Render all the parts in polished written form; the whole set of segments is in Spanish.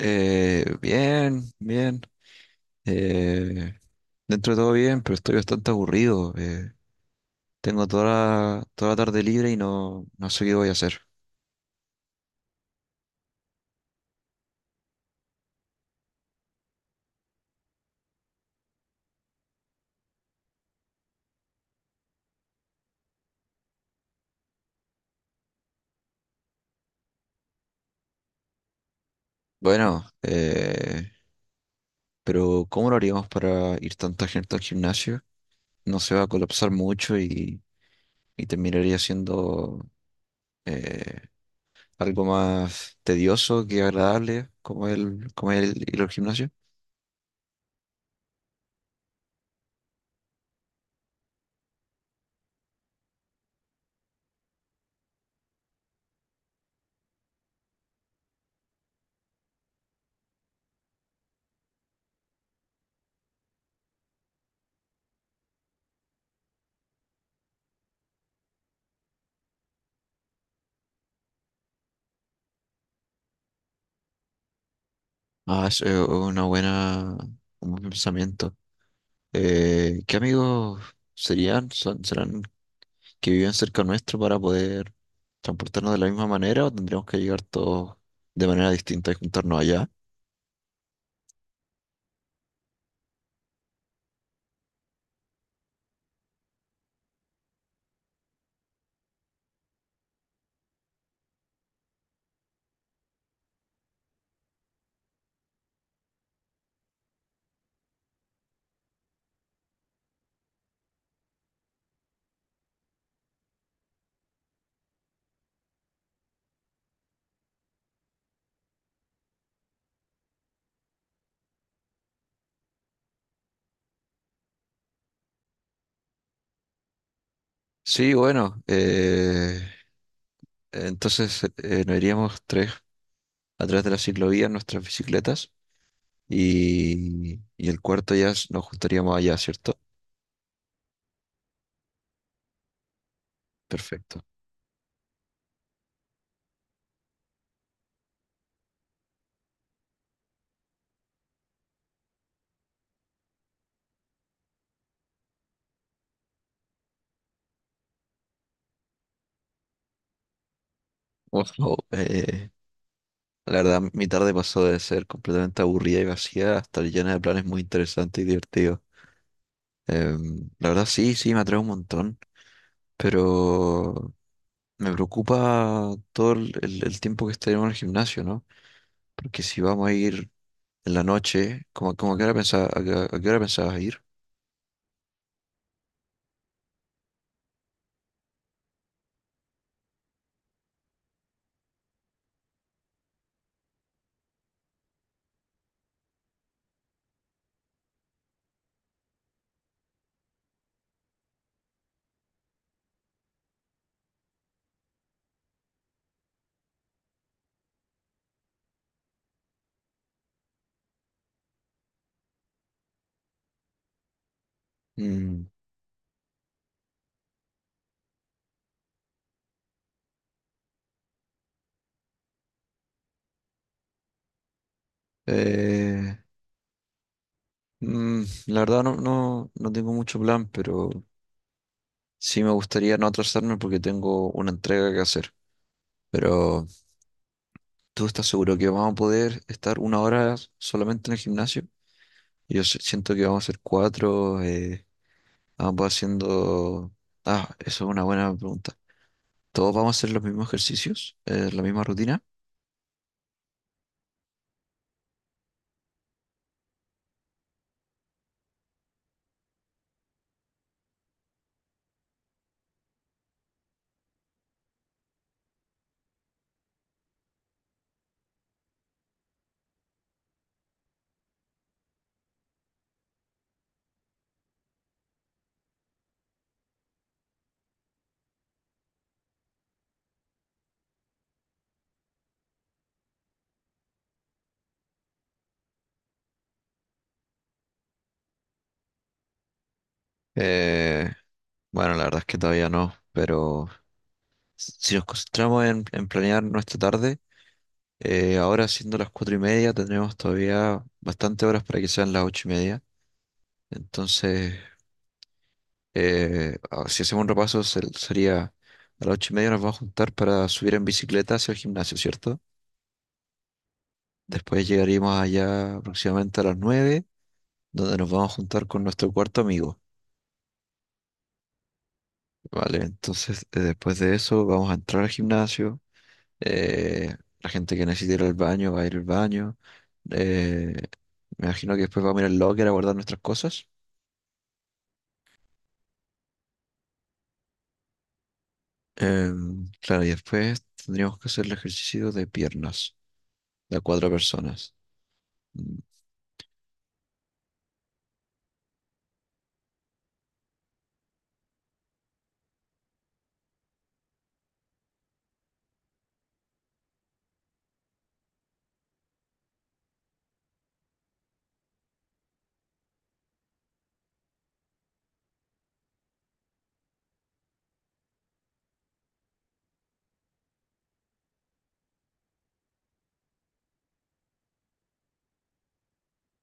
Bien, bien. eh, Dentro de todo bien, pero estoy bastante aburrido. Tengo toda la tarde libre y no sé qué voy a hacer. Bueno, pero ¿cómo lo haríamos para ir tanta gente al gimnasio? No se va a colapsar mucho y terminaría siendo eh, algo más tedioso que agradable, como el ir al gimnasio. Ah, es un buen pensamiento. ¿Qué amigos serían? ¿Serán que viven cerca nuestro para poder transportarnos de la misma manera o tendríamos que llegar todos de manera distinta y juntarnos allá? Sí, bueno, entonces nos iríamos tres a través de la ciclovía en nuestras bicicletas y el cuarto ya nos juntaríamos allá, ¿cierto? Perfecto. Wow, la verdad, mi tarde pasó de ser completamente aburrida y vacía hasta llena de planes muy interesantes y divertidos. La verdad sí, sí, me atrae un montón, pero me preocupa todo el tiempo que estaremos en el gimnasio, ¿no? ¿Porque si vamos a ir en la noche, como a qué hora pensabas ir? Mm. eh, la verdad no tengo mucho plan, pero sí me gustaría no atrasarme porque tengo una entrega que hacer. Pero ¿tú estás seguro que vamos a poder estar 1 hora solamente en el gimnasio? Yo siento que vamos a ser cuatro. Ambos haciendo. Ah, eso es una buena pregunta. ¿Todos vamos a hacer los mismos ejercicios? ¿La misma rutina? Eh, bueno, la verdad es que todavía no, pero si nos concentramos en planear nuestra tarde, ahora siendo las 4:30 tendremos todavía bastante horas para que sean las 8:30. Entonces, si hacemos un repaso, sería a las 8:30 nos vamos a juntar para subir en bicicleta hacia el gimnasio, ¿cierto? Después llegaríamos allá aproximadamente a las 9 donde nos vamos a juntar con nuestro cuarto amigo, ¿vale? Entonces, después de eso, vamos a entrar al gimnasio. La gente que necesite ir al baño va a ir al baño. eh, Me imagino que después vamos a ir al locker a guardar nuestras cosas. Claro, y después tendríamos que hacer el ejercicio de piernas, de a cuatro personas. Mm.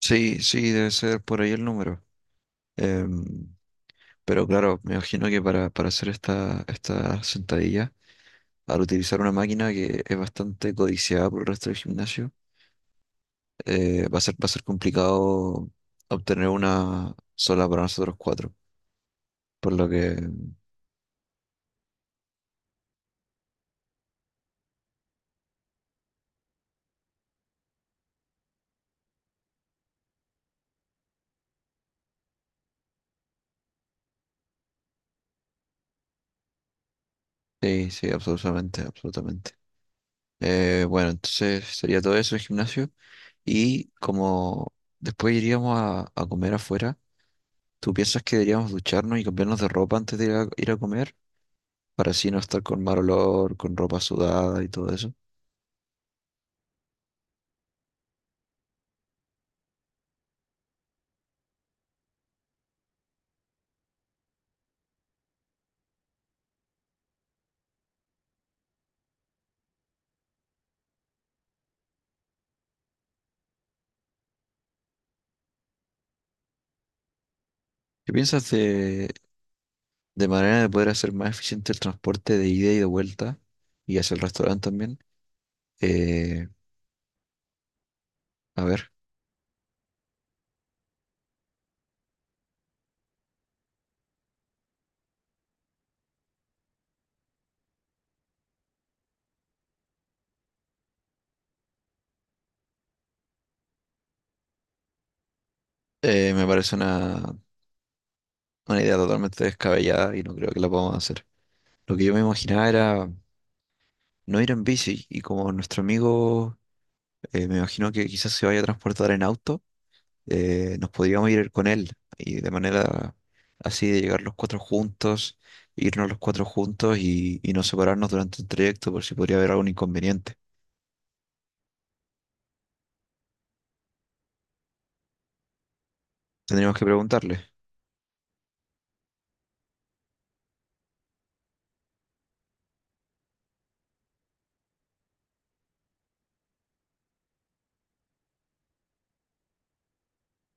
Sí, sí, debe ser por ahí el número. Em, pero claro, me imagino que para hacer esta sentadilla, al utilizar una máquina que es bastante codiciada por el resto del gimnasio, va a ser complicado obtener una sola para nosotros cuatro. Por lo que, sí, sí, absolutamente, absolutamente. Bueno, entonces sería todo eso el gimnasio. Y como después iríamos a comer afuera, ¿tú piensas que deberíamos ducharnos y cambiarnos de ropa antes de ir a comer? Para así no estar con mal olor, con ropa sudada y todo eso. ¿Qué piensas de manera de poder hacer más eficiente el transporte de ida y de vuelta y hacia el restaurante también? Eh, a ver. Me parece una idea totalmente descabellada y no creo que la podamos hacer. Lo que yo me imaginaba era no ir en bici y como nuestro amigo me imagino que quizás se vaya a transportar en auto, nos podríamos ir con él y de manera así de llegar los cuatro juntos, irnos los cuatro juntos y no separarnos durante el trayecto por si podría haber algún inconveniente. Tendríamos que preguntarle.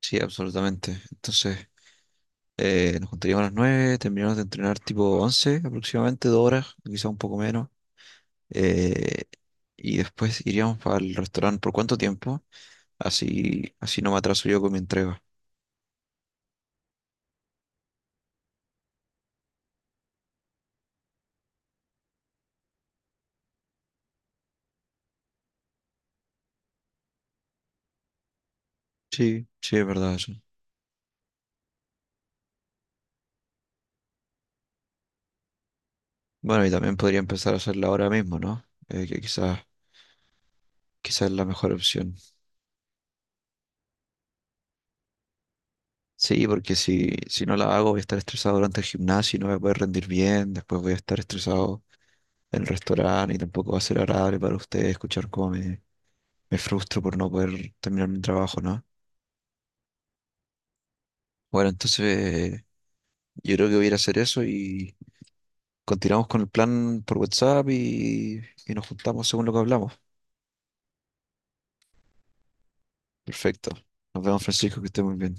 Sí, absolutamente. Entonces, nos juntaríamos a las 9, terminamos de entrenar tipo 11 aproximadamente, 2 horas, quizá un poco menos, eh, y después iríamos al restaurante. ¿Por cuánto tiempo? Así, así no me atraso yo con mi entrega. Sí, sí, es verdad eso. Bueno, y también podría empezar a hacerla ahora mismo, ¿no? Que quizás es la mejor opción. Sí, porque si no la hago voy a estar estresado durante el gimnasio y no voy a poder rendir bien, después voy a estar estresado en el restaurante y tampoco va a ser agradable para ustedes escuchar cómo me frustro por no poder terminar mi trabajo, ¿no? Bueno, entonces yo creo que voy a ir a hacer eso y continuamos con el plan por WhatsApp y nos juntamos según lo que hablamos. Perfecto. Nos vemos, Francisco, que esté muy bien.